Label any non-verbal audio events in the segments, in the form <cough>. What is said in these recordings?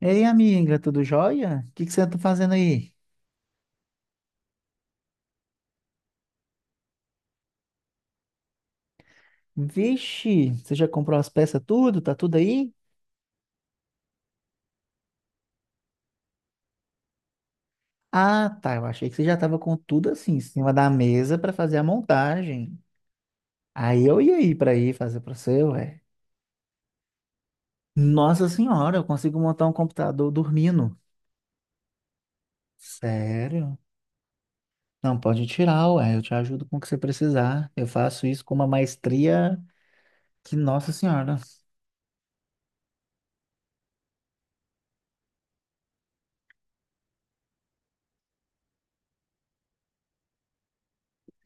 Ei, amiga, tudo jóia? O que que você tá fazendo aí? Vixe, você já comprou as peças tudo? Tá tudo aí? Ah, tá, eu achei que você já tava com tudo assim, em cima da mesa pra fazer a montagem. Aí eu ia ir pra ir fazer pra você, ué. Nossa senhora, eu consigo montar um computador dormindo. Sério? Não, pode tirar, ué, eu te ajudo com o que você precisar. Eu faço isso com uma maestria que, nossa senhora.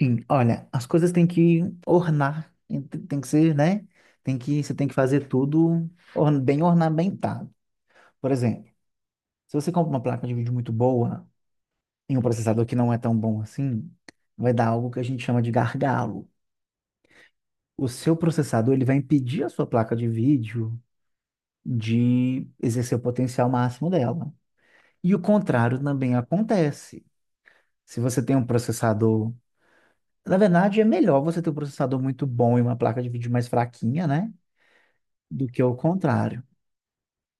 Sim, olha, as coisas têm que ornar, tem que ser, né? Você tem que fazer tudo bem ornamentado. Por exemplo, se você compra uma placa de vídeo muito boa e um processador que não é tão bom assim, vai dar algo que a gente chama de gargalo. O seu processador, ele vai impedir a sua placa de vídeo de exercer o potencial máximo dela. E o contrário também acontece. Se você tem um processador, na verdade, é melhor você ter um processador muito bom e uma placa de vídeo mais fraquinha, né? Do que ao contrário.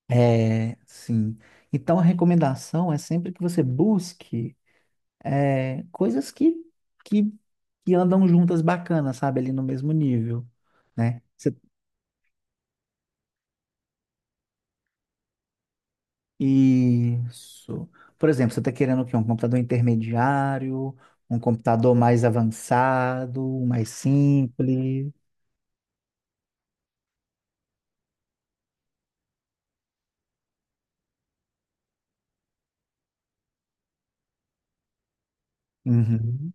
É, sim. Então, a recomendação é sempre que você busque coisas que, que andam juntas bacanas, sabe? Ali no mesmo nível, né? Isso. Por exemplo, você está querendo o quê? Um computador intermediário, um computador mais avançado, um mais simples. Uhum.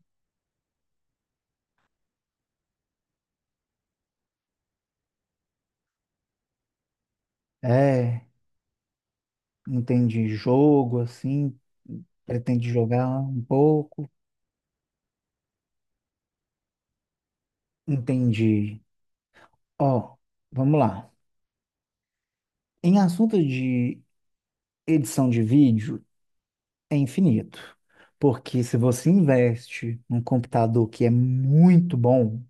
É, entendi. Jogo, assim, pretende jogar um pouco. Entendi. Ó, vamos lá. Em assunto de edição de vídeo, é infinito. Porque se você investe num computador que é muito bom,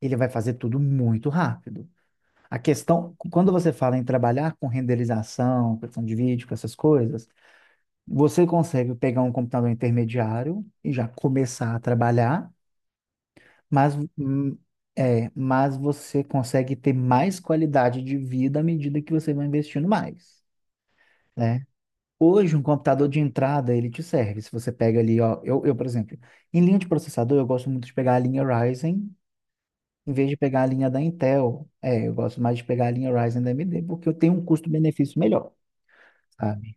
ele vai fazer tudo muito rápido. A questão, quando você fala em trabalhar com renderização, questão de vídeo, com essas coisas, você consegue pegar um computador intermediário e já começar a trabalhar, mas, hum, mas você consegue ter mais qualidade de vida à medida que você vai investindo mais. Né? Hoje, um computador de entrada, ele te serve. Se você pega ali, ó, eu, por exemplo, em linha de processador, eu gosto muito de pegar a linha Ryzen, em vez de pegar a linha da Intel. É, eu gosto mais de pegar a linha Ryzen da AMD, porque eu tenho um custo-benefício melhor, sabe?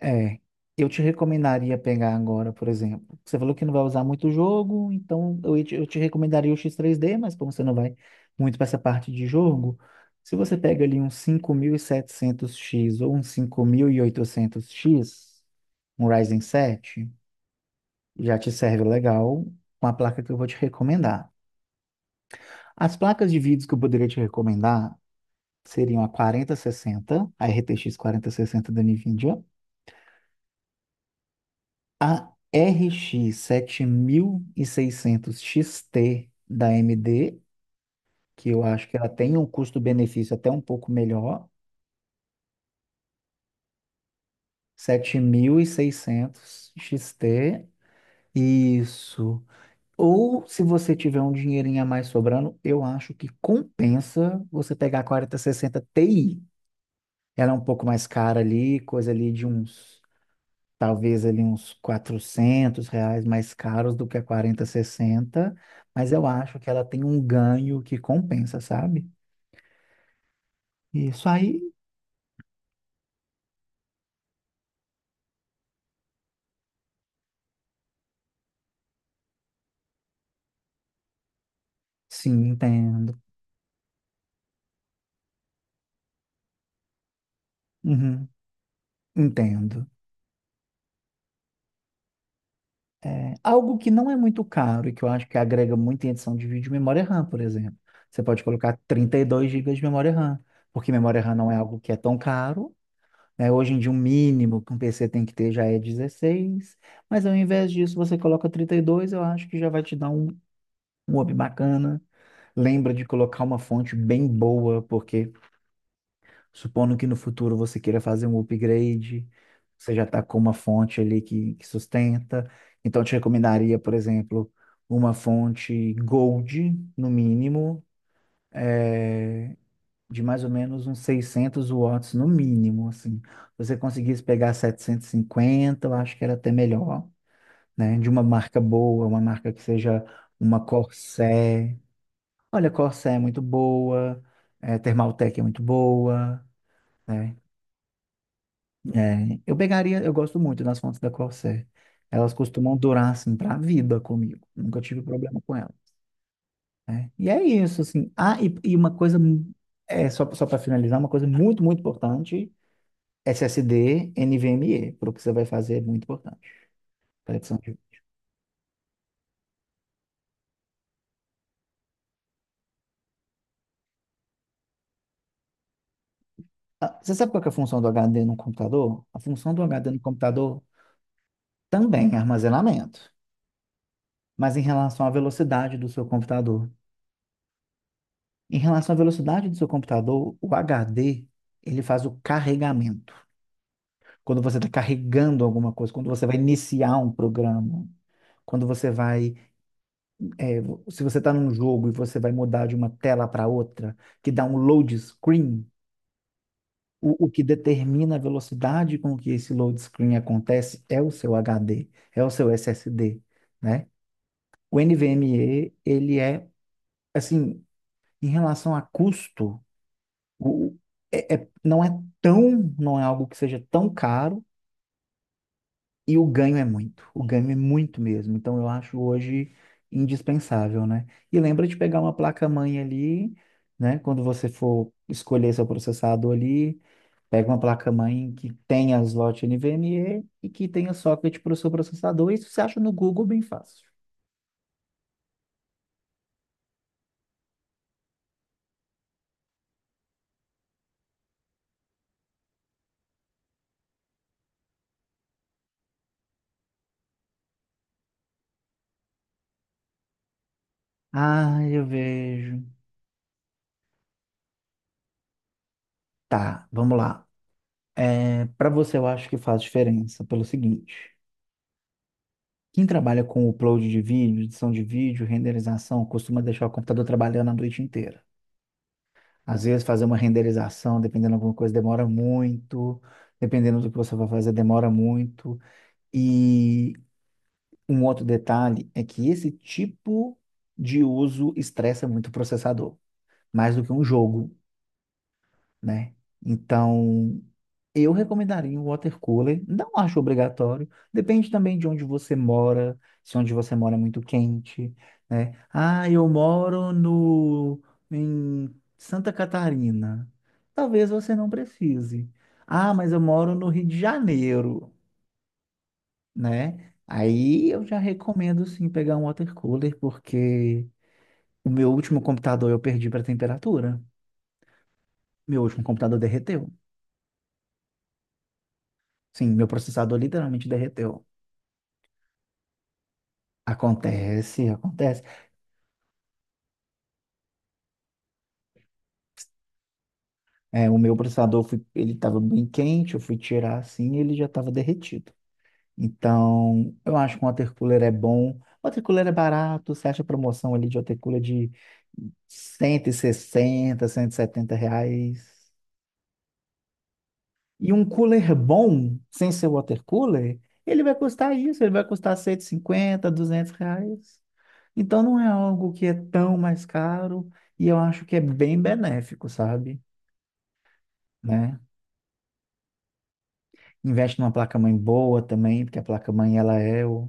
É, eu te recomendaria pegar agora, por exemplo. Você falou que não vai usar muito o jogo, então eu te recomendaria o X3D, mas como você não vai muito para essa parte de jogo, se você pega ali um 5700X ou um 5800X um Ryzen 7, já te serve legal com a placa que eu vou te recomendar. As placas de vídeos que eu poderia te recomendar seriam a 4060, a RTX sessenta da NVIDIA, a RX 7600 XT da AMD, que eu acho que ela tem um custo-benefício até um pouco melhor. 7600 XT, isso. Ou se você tiver um dinheirinho a mais sobrando, eu acho que compensa você pegar a 4060 Ti. Ela é um pouco mais cara ali, coisa ali de uns talvez ali uns R$ 400 mais caros do que a 4060, mas eu acho que ela tem um ganho que compensa, sabe? Isso aí, sim, entendo. Uhum, entendo. É, algo que não é muito caro e que eu acho que agrega muito em edição de vídeo, memória RAM, por exemplo. Você pode colocar 32 gigas de memória RAM, porque memória RAM não é algo que é tão caro. Né? Hoje em dia, o mínimo que um PC tem que ter já é 16, mas ao invés disso, você coloca 32, eu acho que já vai te dar um hobby bacana. Lembra de colocar uma fonte bem boa, porque supondo que no futuro você queira fazer um upgrade, você já está com uma fonte ali que sustenta. Então, eu te recomendaria, por exemplo, uma fonte Gold, no mínimo, é, de mais ou menos uns 600 watts, no mínimo, assim. Se você conseguisse pegar 750, eu acho que era até melhor, né? De uma marca boa, uma marca que seja uma Corsair. Olha, Corsé é muito boa, Thermaltec é muito boa, né? É, eu pegaria, eu gosto muito das fontes da Corsé. Elas costumam durar, assim, pra vida comigo. Nunca tive problema com elas. E é isso, assim. Ah, e uma coisa, só para finalizar, uma coisa muito, muito importante, SSD, NVMe, para o que você vai fazer é muito importante. Conexão de- Ah, você sabe qual que é a função do HD no computador? A função do HD no computador também é armazenamento, mas em relação à velocidade do seu computador. Em relação à velocidade do seu computador, o HD, ele faz o carregamento. Quando você está carregando alguma coisa, quando você vai iniciar um programa, quando você vai, é, se você está num jogo e você vai mudar de uma tela para outra, que dá um load screen, o que determina a velocidade com que esse load screen acontece é o seu HD, é o seu SSD, né? O NVMe, ele é, assim, em relação a custo, O, o- é, é- não é não é algo que seja tão caro e o ganho é muito. O ganho é muito mesmo. Então eu acho hoje indispensável, né? E lembra de pegar uma placa-mãe ali, né? Quando você for escolher seu processador ali, pega uma placa-mãe que tenha slot NVMe e que tenha socket para o seu processador. Isso você acha no Google bem fácil. Ah, eu vejo. Tá, vamos lá. É, para você eu acho que faz diferença pelo seguinte. Quem trabalha com upload de vídeo, edição de vídeo, renderização, costuma deixar o computador trabalhando a noite inteira. Às vezes, fazer uma renderização, dependendo de alguma coisa, demora muito. Dependendo do que você vai fazer, demora muito. E um outro detalhe é que esse tipo de uso estressa muito o processador, mais do que um jogo. Né? Então, eu recomendaria o water cooler. Não acho obrigatório. Depende também de onde você mora, se onde você mora é muito quente, né? Ah, eu moro no em Santa Catarina. Talvez você não precise. Ah, mas eu moro no Rio de Janeiro, né? Aí eu já recomendo sim pegar um water cooler porque o meu último computador eu perdi para temperatura. Meu último computador derreteu. Sim, meu processador literalmente derreteu. Acontece, acontece. É, o meu processador, ele estava bem quente, eu fui tirar assim e ele já estava derretido. Então, eu acho que um watercooler é bom. Watercooler é barato, você acha promoção ali de watercooler de 160 R$ 170. E um cooler bom, sem ser watercooler, ele vai custar isso, ele vai custar 150 R$ 200. Então não é algo que é tão mais caro e eu acho que é bem benéfico, sabe? Né? Investe numa placa-mãe boa também, porque a placa-mãe ela é o...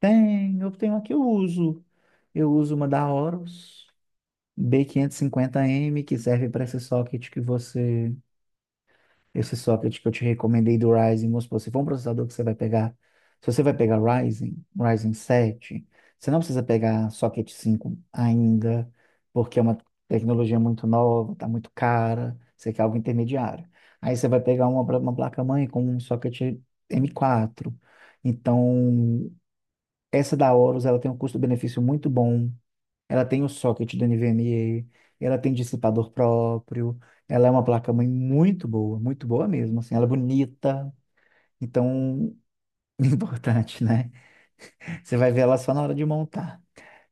Tem, eu tenho aqui, eu uso. Eu uso uma da Horus B550M, que serve para esse socket que você. Esse socket que eu te recomendei do Ryzen, vamos supor, se for um processador que você vai pegar, se você vai pegar Ryzen, Ryzen 7, você não precisa pegar socket 5 ainda, porque é uma tecnologia muito nova, tá muito cara, você quer algo intermediário. Aí você vai pegar uma placa-mãe com um socket M4. Então, essa da Aorus, ela tem um custo-benefício muito bom, ela tem o socket do NVMe, ela tem dissipador próprio, ela é uma placa-mãe muito boa mesmo, assim, ela é bonita, então, <laughs> importante, né? Você vai ver ela só na hora de montar.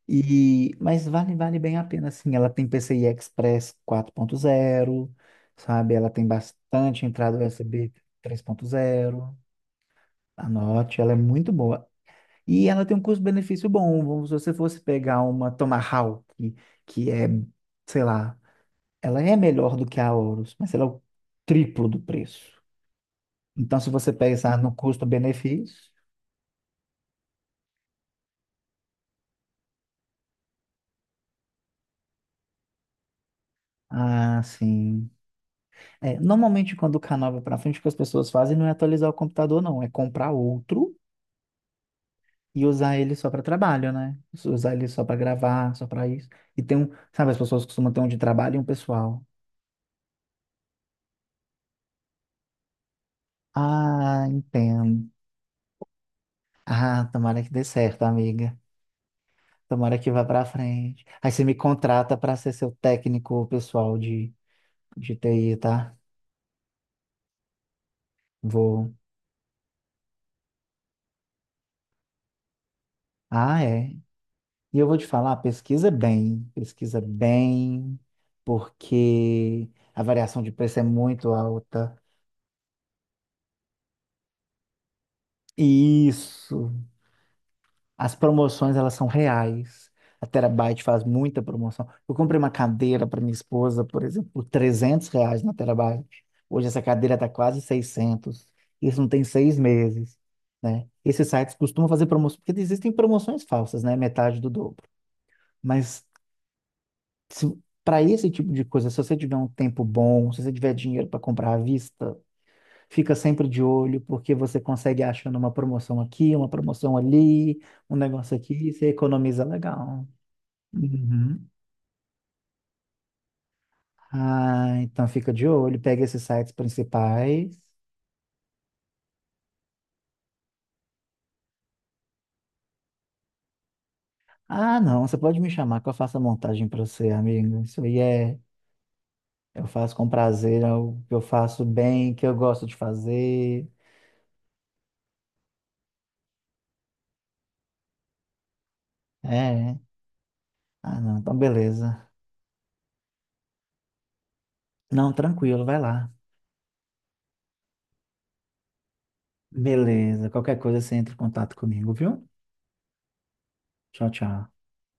E, mas vale, bem a pena, assim, ela tem PCI Express 4.0, sabe? Ela tem bastante entrada USB zero, anote, ela é muito boa. E ela tem um custo-benefício bom, se você fosse pegar uma Tomahawk, que é sei lá, ela é melhor do que a Horus, mas ela é o triplo do preço. Então, se você pensar no custo-benefício, ah, sim. É, normalmente, quando o canal vai para frente, o que as pessoas fazem não é atualizar o computador, não. É comprar outro e usar ele só para trabalho, né? Usar ele só para gravar, só para isso. E tem um, sabe, as pessoas costumam ter um de trabalho e um pessoal. Ah, entendo. Ah, tomara que dê certo, amiga. Tomara que vá para frente. Aí você me contrata para ser seu técnico pessoal de TI, tá? Vou. Ah, é. E eu vou te falar, pesquisa bem, porque a variação de preço é muito alta. E isso. As promoções, elas são reais. A Terabyte faz muita promoção. Eu comprei uma cadeira para minha esposa, por exemplo, por R$ 300 na Terabyte. Hoje essa cadeira está quase 600. Isso não tem 6 meses, né? Esses sites costumam fazer promoções, porque existem promoções falsas, né? Metade do dobro. Mas para esse tipo de coisa, se você tiver um tempo bom, se você tiver dinheiro para comprar à vista, fica sempre de olho, porque você consegue achando uma promoção aqui, uma promoção ali, um negócio aqui, você economiza legal. Uhum. Ah, então fica de olho, pega esses sites principais. Ah, não, você pode me chamar que eu faço a montagem para você, amigo. Isso aí é, eu faço com prazer, é o que eu faço bem, que eu gosto de fazer. É. Ah, não, então beleza. Não, tranquilo, vai lá. Beleza. Qualquer coisa você entra em contato comigo, viu? Tchau, tchau.